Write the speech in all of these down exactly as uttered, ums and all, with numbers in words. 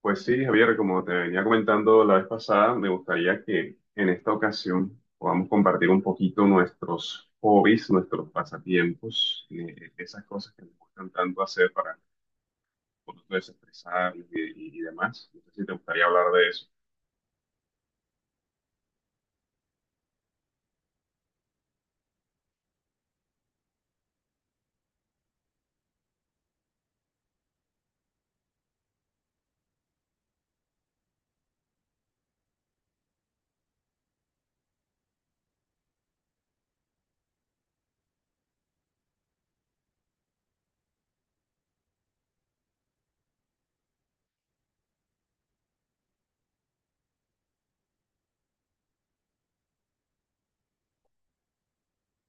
Pues sí, Javier, como te venía comentando la vez pasada, me gustaría que en esta ocasión podamos compartir un poquito nuestros hobbies, nuestros pasatiempos, eh, esas cosas que nos gustan tanto hacer para un poquito desestresarnos y, y- y demás. No sé si te gustaría hablar de eso.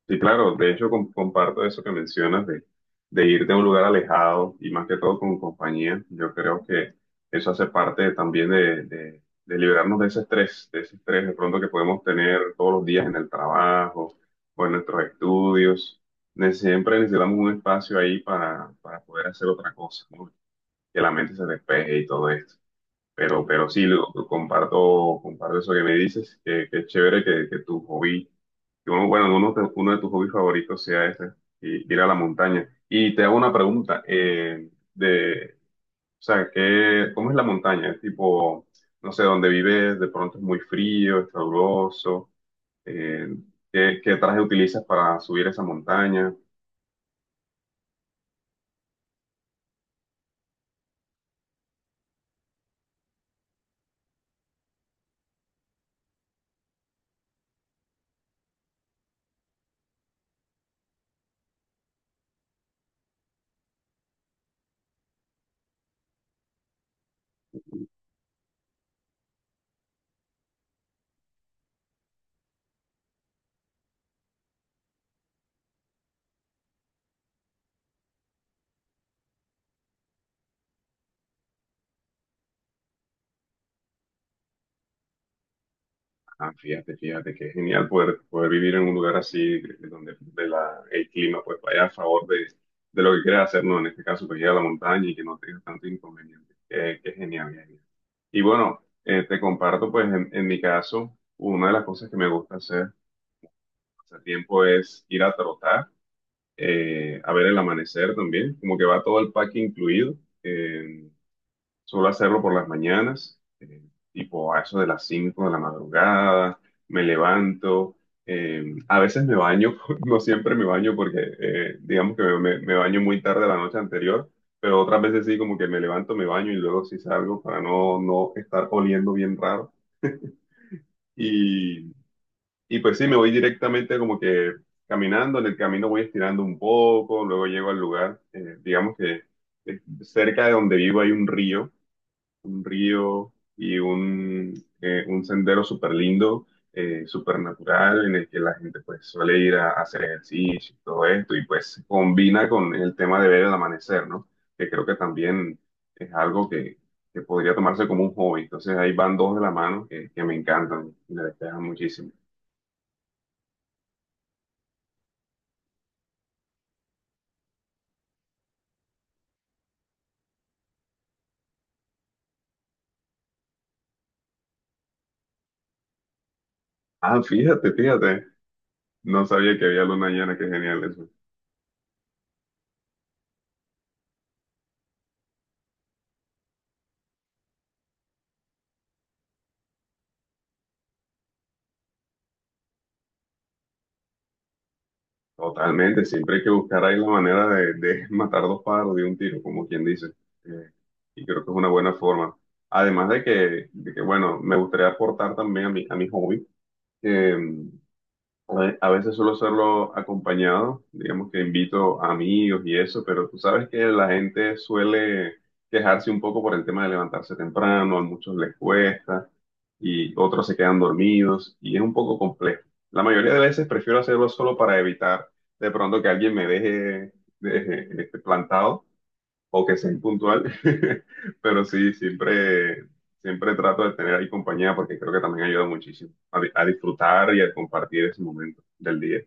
Sí, claro, de hecho com- comparto eso que mencionas de, de irte a un lugar alejado y más que todo con compañía. Yo creo que eso hace parte también de, de- de liberarnos de ese estrés, de ese estrés de pronto que podemos tener todos los días en el trabajo o en nuestros estudios. Ne- Siempre necesitamos un espacio ahí para, para poder hacer otra cosa, ¿no? Que la mente se despeje y todo esto. Pero, pero sí, lo, lo comparto, comparto eso que me dices, que, que es chévere que, que tu hobby que uno, bueno, uno, de uno de tus hobbies favoritos sea ese, y ir a la montaña. Y te hago una pregunta, eh, de, o sea, ¿qué, cómo es la montaña? Es tipo, no sé, dónde vives, de pronto es muy frío, es caluroso, eh, ¿qué, qué traje utilizas para subir esa montaña? Ah, fíjate, fíjate, que genial poder, poder vivir en un lugar así, donde de la, el clima pues vaya a favor de, de lo que quieras hacer, ¿no? En este caso, pues ir a la montaña y que no tengas tanto inconveniente. Qué, qué genial, genial. Y bueno, eh, te comparto, pues en, en mi caso, una de las cosas que me gusta hacer hace tiempo es ir a trotar, eh, a ver el amanecer también, como que va todo el pack incluido. eh, Suelo hacerlo por las mañanas, eh, tipo a eso de las cinco de la madrugada, me levanto, eh, a veces me baño, no siempre me baño porque eh, digamos que me, me me baño muy tarde la noche anterior, pero otras veces sí como que me levanto, me baño y luego sí salgo para no, no estar oliendo bien raro. Y, y pues sí, me voy directamente como que caminando, en el camino voy estirando un poco, luego llego al lugar, eh, digamos que eh, cerca de donde vivo hay un río un río y un, eh, un sendero súper lindo, eh, súper natural, en el que la gente pues suele ir a, a hacer ejercicio y todo esto, y pues se combina con el tema de ver el amanecer, ¿no? Que creo que también es algo que, que podría tomarse como un hobby. Entonces ahí van dos de la mano que, que me encantan, y me despejan muchísimo. Ah, fíjate, fíjate, no sabía que había luna llena, qué genial eso. Totalmente, siempre hay que buscar ahí la manera de, de matar dos pájaros de un tiro, como quien dice. Eh, y creo que es una buena forma. Además de que, de que, bueno, me gustaría aportar también a mi, a mi hobby, a a veces suelo hacerlo acompañado, digamos que invito a amigos y eso, pero tú sabes que la gente suele quejarse un poco por el tema de levantarse temprano, a muchos les cuesta y otros se quedan dormidos y es un poco complejo. La mayoría de veces prefiero hacerlo solo para evitar de pronto que alguien me deje, deje, este, plantado o que sea impuntual, pero sí, siempre, siempre trato de tener ahí compañía porque creo que también ayuda muchísimo a, di- a disfrutar y a compartir ese momento del día.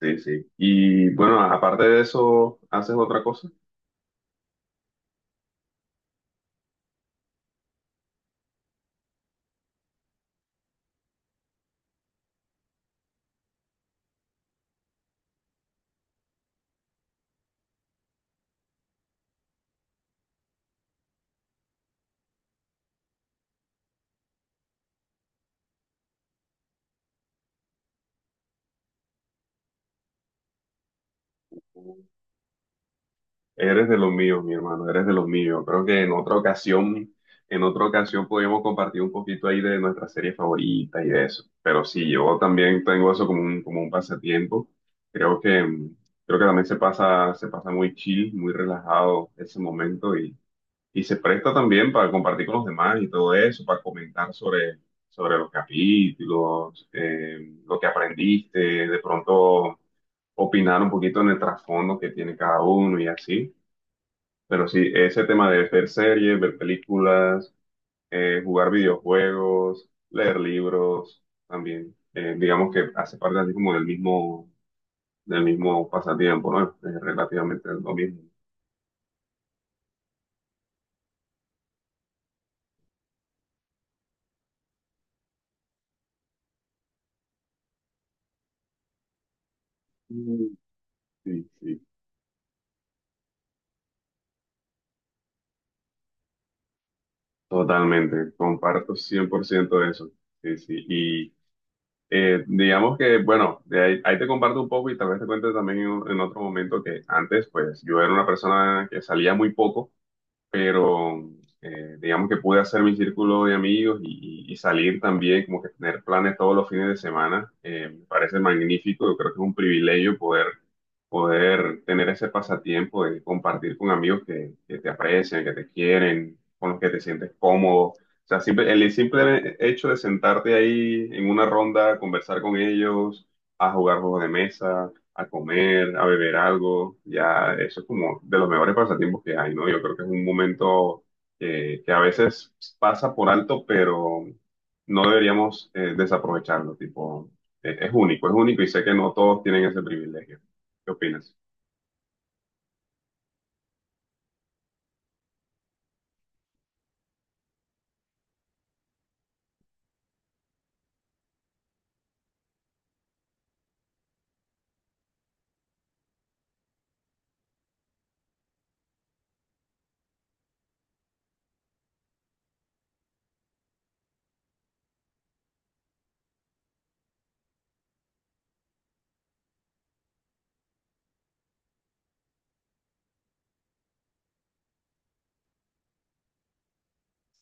Sí, sí. Y bueno, aparte de eso, ¿haces otra cosa? Eres de los míos, mi hermano, eres de los míos. Creo que en otra ocasión, en otra ocasión podríamos compartir un poquito ahí de nuestra serie favorita y de eso. Pero sí, yo también tengo eso como un, como un pasatiempo. Creo que, mm, creo que también se pasa, se pasa muy chill, muy relajado ese momento y, y se presta también para compartir con los demás y todo eso, para comentar sobre, sobre los capítulos, eh, lo que aprendiste, de pronto opinar un poquito en el trasfondo que tiene cada uno y así. Pero sí, ese tema de ver series, ver películas, eh, jugar videojuegos, leer libros, también, eh, digamos que hace parte así como del mismo, del mismo pasatiempo, ¿no? Es relativamente lo mismo. Mm. Sí, sí, totalmente, comparto cien por ciento de eso. Sí, sí, y eh, digamos que, bueno, de ahí, ahí te comparto un poco y tal vez te cuente también en, en otro momento que antes, pues yo era una persona que salía muy poco pero eh, digamos que pude hacer mi círculo de amigos y, y- y salir también, como que tener planes todos los fines de semana, eh, me parece magnífico, yo creo que es un privilegio poder, poder tener ese pasatiempo de compartir con amigos que, que te aprecian, que te quieren, con los que te sientes cómodo. O sea, simple- el simple hecho de sentarte ahí en una ronda, conversar con ellos, a jugar juegos de mesa a comer, a beber algo, ya eso es como de los mejores pasatiempos que hay, ¿no? Yo creo que es un momento eh, que a veces pasa por alto, pero no deberíamos eh, desaprovecharlo, tipo, eh, es único, es único y sé que no todos tienen ese privilegio. ¿Qué opinas?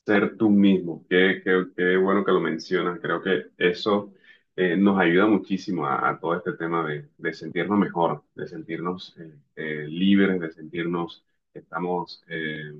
Ser tú mismo, qué, qué- qué bueno que lo mencionas, creo que eso eh, nos ayuda muchísimo a, a todo este tema de, de sentirnos mejor, de sentirnos eh, eh, libres, de sentirnos que estamos, eh,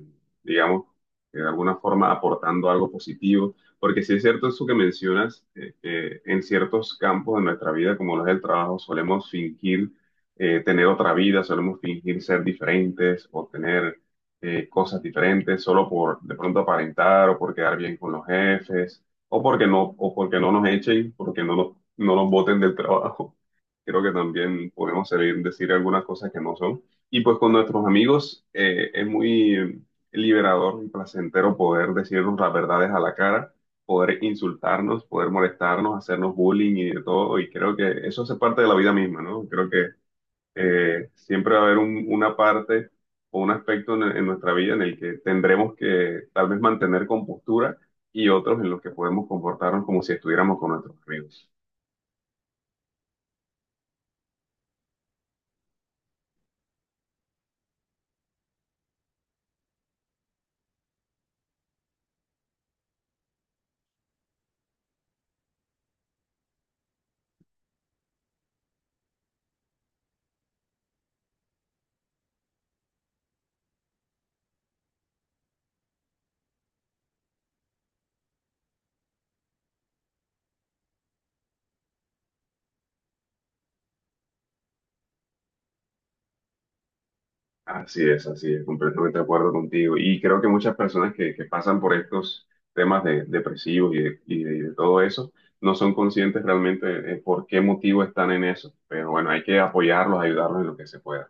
digamos, que de alguna forma aportando algo positivo, porque sí es cierto eso que mencionas, eh, que en ciertos campos de nuestra vida, como los del trabajo, solemos fingir eh, tener otra vida, solemos fingir ser diferentes o tener eh, cosas diferentes solo por de pronto aparentar o por quedar bien con los jefes o porque no o porque no nos echen, porque no nos no nos boten del trabajo. Creo que también podemos salir decir algunas cosas que no son. Y pues con nuestros amigos eh, es muy eh, liberador y placentero poder decirnos las verdades a la cara, poder insultarnos, poder molestarnos, hacernos bullying y de todo. Y creo que eso hace parte de la vida misma, ¿no? Creo que eh, siempre va a haber un- una parte o un aspecto en, en nuestra vida en el que tendremos que tal vez mantener compostura y otros en los que podemos comportarnos como si estuviéramos con nuestros amigos. Así es, así es, completamente de acuerdo contigo. Y creo que muchas personas que, que pasan por estos temas de, depresivos y de, y de- y de todo eso, no son conscientes realmente eh, por qué motivo están en eso. Pero bueno, hay que apoyarlos, ayudarlos en lo que se pueda.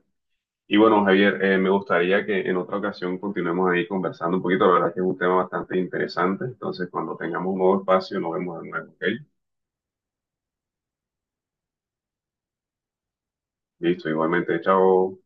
Y bueno, Javier, eh, me gustaría que en otra ocasión continuemos ahí conversando un poquito. La verdad es que es un tema bastante interesante. Entonces, cuando tengamos un nuevo espacio, nos vemos de nuevo, ¿ok? Listo, igualmente, chao.